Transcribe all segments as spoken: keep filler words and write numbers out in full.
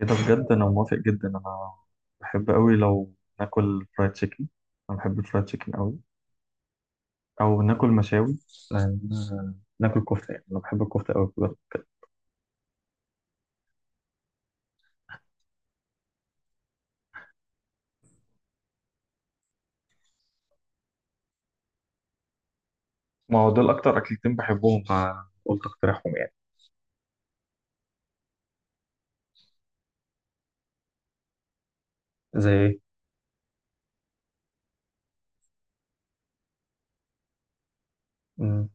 كده بجد، انا موافق جدا. انا بحب قوي لو ناكل فرايد تشيكن. انا بحب الفرايد تشيكن قوي. او ناكل مشاوي لان ناكل كفته. يعني انا بحب الكفته قوي بجد. ما هو دول اكتر اكلتين بحبهم فقلت اقترحهم يعني. زي ايه؟ أمم،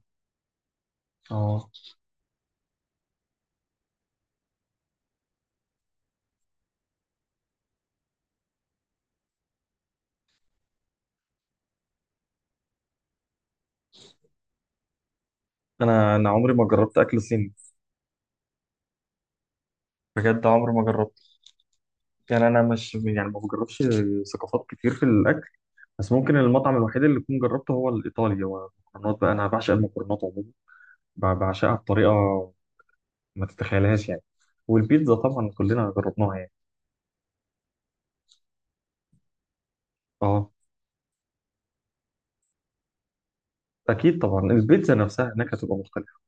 اه. انا انا عمري ما جربت اكل صيني. بجد عمري ما جربت. يعني انا مش، يعني ما بجربش ثقافات كتير في الاكل. بس ممكن المطعم الوحيد اللي كنت جربته هو الايطالي، هو المكرونات بقى. انا بعشق المكرونات عموما. ب- بعشقها بطريقه ما تتخيلهاش يعني. والبيتزا طبعا كلنا جربناها يعني. اه، اكيد طبعا البيتزا نفسها هناك هتبقى مختلفه.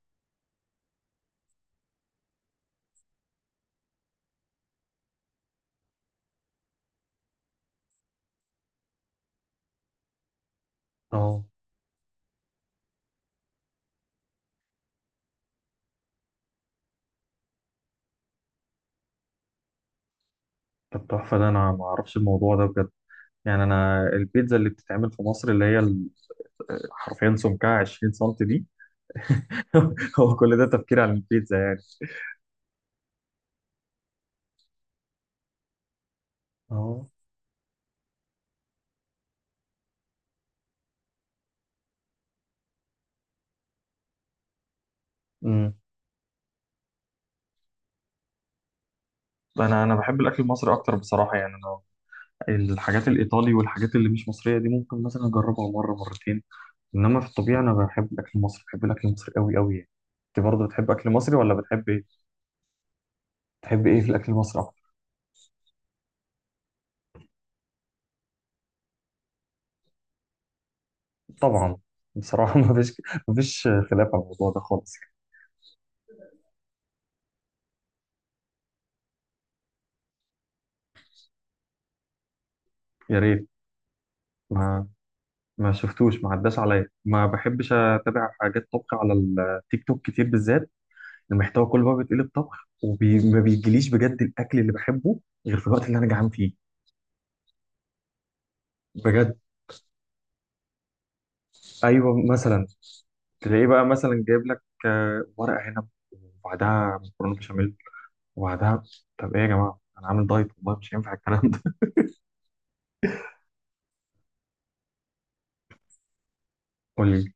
اه. طب تحفه، ده انا ما اعرفش الموضوع ده بجد. يعني انا البيتزا اللي بتتعمل في مصر اللي هي ال- آه، حرفيا سمكها عشرين سم دي. هو كل ده تفكير عن البيتزا يعني. اه. امم انا انا بحب الاكل المصري اكتر بصراحه. يعني انا الحاجات الايطالي والحاجات اللي مش مصريه دي، ممكن مثلا اجربها مره مرتين. انما في الطبيعه انا بحب الاكل المصري. بحب الاكل المصري قوي قوي يعني. انت برضه بتحب اكل مصري ولا بتحب ايه؟ تحب ايه في الاكل المصري أكتر؟ طبعا. بصراحه ما فيش ما فيش خلاف على الموضوع ده خالص. يا ريت. ما ما شفتوش، ما عداش عليا، ما بحبش اتابع حاجات طبخ على التيك توك كتير بالذات. المحتوى كله بقى بيتقلب طبخ وما بيجيليش بجد الاكل اللي بحبه غير في الوقت اللي انا جعان فيه. بجد. ايوه، مثلا تلاقيه بقى مثلا جايب لك آه، ورق عنب وبعدها مكرونه بشاميل. وبعدها، طب ايه يا جماعه، انا عامل دايت والله مش هينفع الكلام ده. قول لي.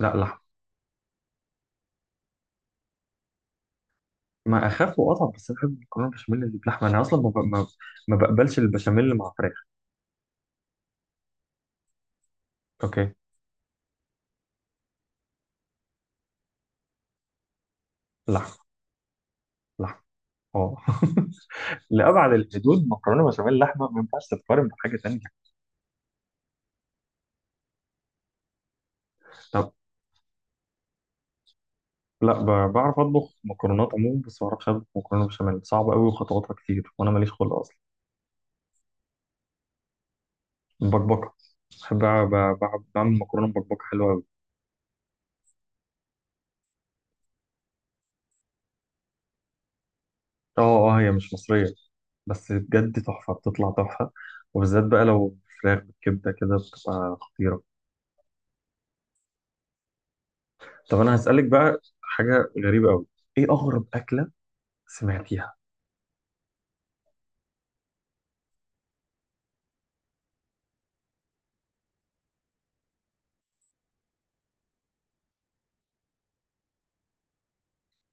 لا، ما اخف واطعم، بس انا بحب المكرونه البشاميل اللي بلحمه. انا اصلا ما, ب... ما... ما بقبلش البشاميل اللي مع فراخ. اوكي. لحمه. لحمه. اه. لأبعد الحدود، مكرونه بشاميل لحمه ما ينفعش تتقارن بحاجه تانية. طب، لا، ب... بعرف اطبخ مكرونات عموما، بس ما بعرفش اطبخ مكرونه بشاميل. صعبه قوي وخطواتها كتير وانا ماليش خلق اصلا. بكبكه. بحب أ- ب... ب... بعمل مكرونه بكبكه حلوه قوي. اه. اه، هي مش مصريه، بس بجد تحفه. بتطلع تحفه. وبالذات بقى لو فراخ بالكبده كده، بتبقى خطيره. طب انا هسألك بقى حاجة غريبة قوي. ايه اغرب أكلة سمعتيها؟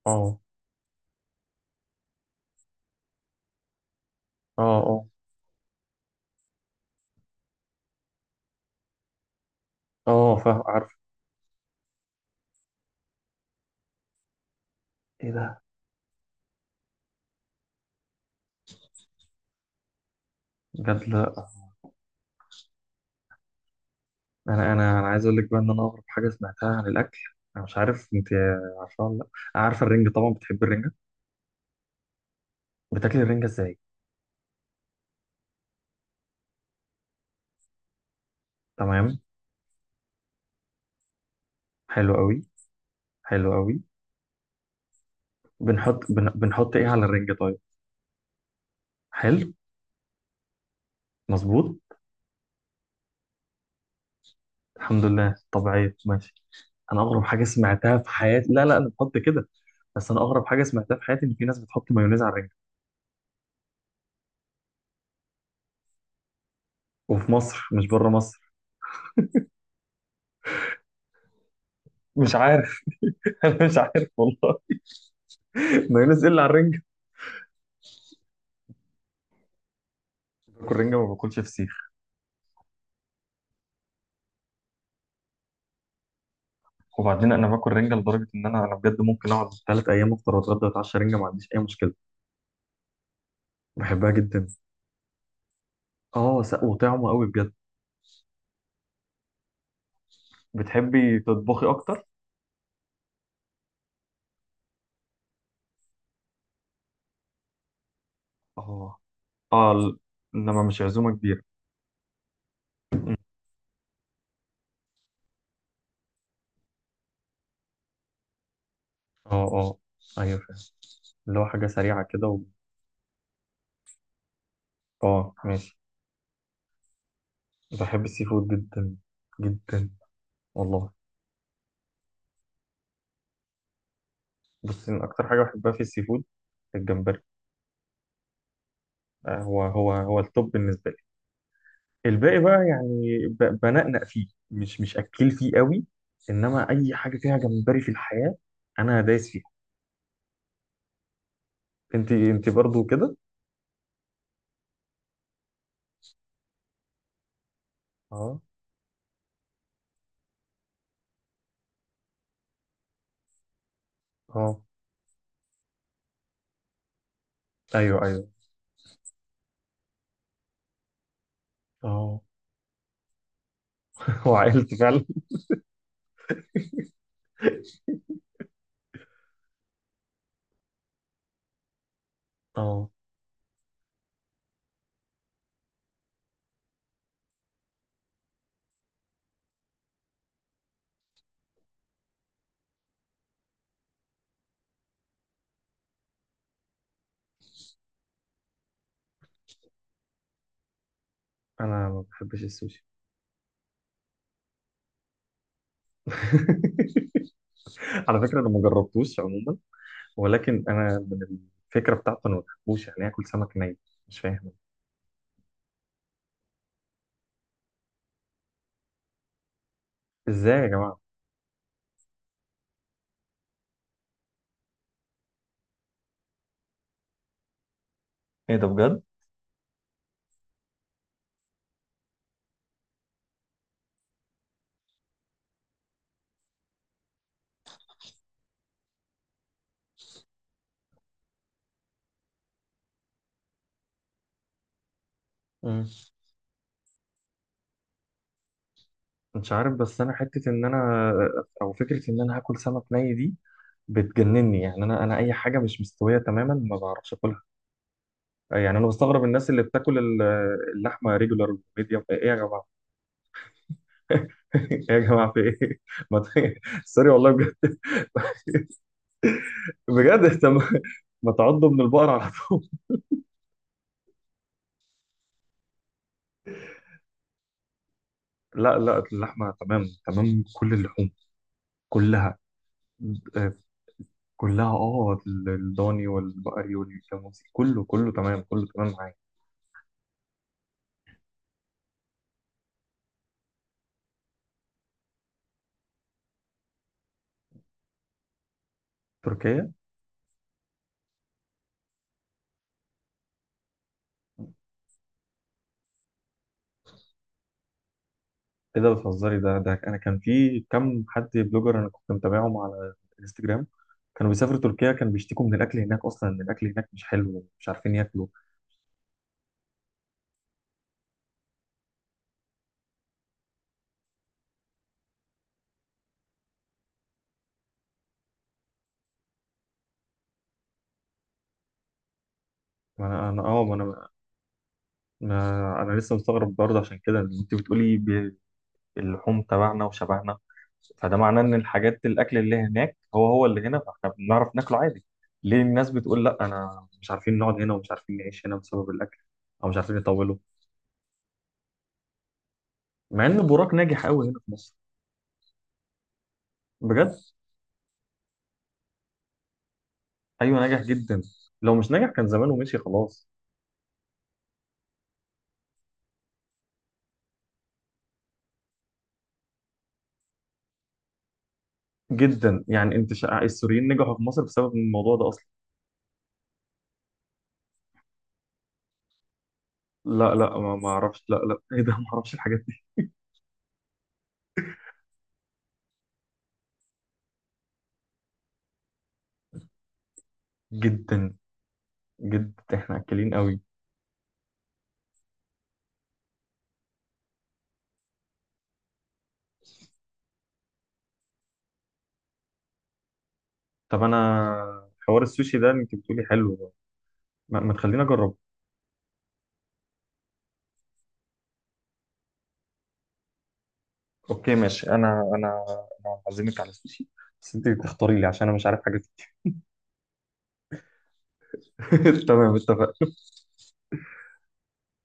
اه. اه. اه. اه فاهم عارف. ايه ده بجد؟ لا انا انا انا عايز اقول لك بقى ان انا اغرب حاجة سمعتها عن الاكل. انا مش عارف انت عارفة ولا لا. عارفة الرنجة؟ طبعا بتحب الرنجة. بتاكلي الرنجة ازاي؟ تمام. حلو قوي. حلو قوي. بنحط، بن... بنحط ايه على الرنجة طيب؟ حلو. مظبوط. الحمد لله طبيعية، ماشي. انا اغرب حاجة سمعتها في حياتي. لا لا، انا بحط كده. بس انا اغرب حاجة سمعتها في حياتي ان في ناس بتحط مايونيز على الرنجة. وفي مصر، مش بره مصر. مش عارف. انا مش عارف والله. مايونيز الا على الرنجة. باكل رنجة، ما باكلش فسيخ. وبعدين انا باكل رنجة لدرجة ان انا انا بجد ممكن اقعد ثلاث ايام افطر واتغدى واتعشى رنجة، ما عنديش اي مشكلة. بحبها جدا. اه، س- وطعمه قوي بجد. بتحبي تطبخي اكتر؟ اه. اه ال- انما مش عزومة كبيرة. اه. اه ايوه فاهم. اللي هو حاجة سريعة كده و... اه ماشي. بحب السي فود جدا. جدا والله. بس من اكتر حاجة بحبها في السي فود الجمبري. آه، هو هو هو التوب بالنسبة لي. الباقي بقى يعني، ب- بنقنق فيه. مش مش اكل فيه قوي. انما اي حاجه فيها جمبري في الحياه، انا دايس فيها. انت انت برضو كده؟ اه. اه ايوه ايوه اه. وعائلتي فعلا. اه انا ما بحبش السوشي. على فكره انا ما جربتوش عموما. ولكن انا من الفكره بتاعته انا ما بحبوش. يعني اكل سمك ني، مش فاهم. ازاي يا جماعه؟ ايه ده بجد؟ مم. مش عارف. بس انا حته ان انا، او فكره ان انا هاكل سمك ني دي، بتجنني. يعني انا انا اي حاجه مش مستويه تماما ما بعرفش اكلها. يعني انا بستغرب الناس اللي بتاكل ال- اللحمه ريجولار ميديوم. ايه يا جماعه؟ ايه يا جماعه في ايه؟ ما ت- سوري والله بجد. بجد. طب ما تعضوا من البقر على طول. لا لا، اللحمه تمام، تمام. كل اللحوم كلها، آه، كلها اه. الضاني والبقري والجاموسي، كله كله تمام، كله تمام معايا. تركيا. ايه ده بتهزري؟ ده ده انا كان في كم حد بلوجر انا كنت متابعهم على انستجرام. كانوا بيسافروا تركيا كانوا بيشتكوا من الاكل هناك اصلا، ان الاكل هناك مش حلو. مش عارفين ياكلوا. ما انا انا اه ما انا ما انا لسه مستغرب برضه عشان كده. إن انت بتقولي ب- اللحوم تبعنا وشبعنا، فده معناه ان الحاجات الاكل اللي هناك هو هو اللي هنا، فاحنا بنعرف ناكله عادي. ليه الناس بتقول لا، انا مش عارفين نقعد هنا ومش عارفين نعيش هنا بسبب الاكل؟ او مش عارفين يطولوا. مع ان براك ناجح قوي هنا في مصر. بجد. ايوه نجح جدا. لو مش نجح كان زمانه مشي خلاص. جدا، يعني انت شا... السوريين نجحوا في مصر بسبب الموضوع ده اصلا. لا لا، ما ما اعرفش. لا لا ايه ده ما اعرفش الحاجات دي. جدا. جدا احنا اكلين قوي. طب انا حوار السوشي ده اللي انت بتقولي حلو، ما, ما تخليني اجربه. اوكي ماشي. انا انا انا هعزمك على السوشي، بس انت تختاري لي عشان انا مش عارف حاجات كتير. تمام اتفقنا.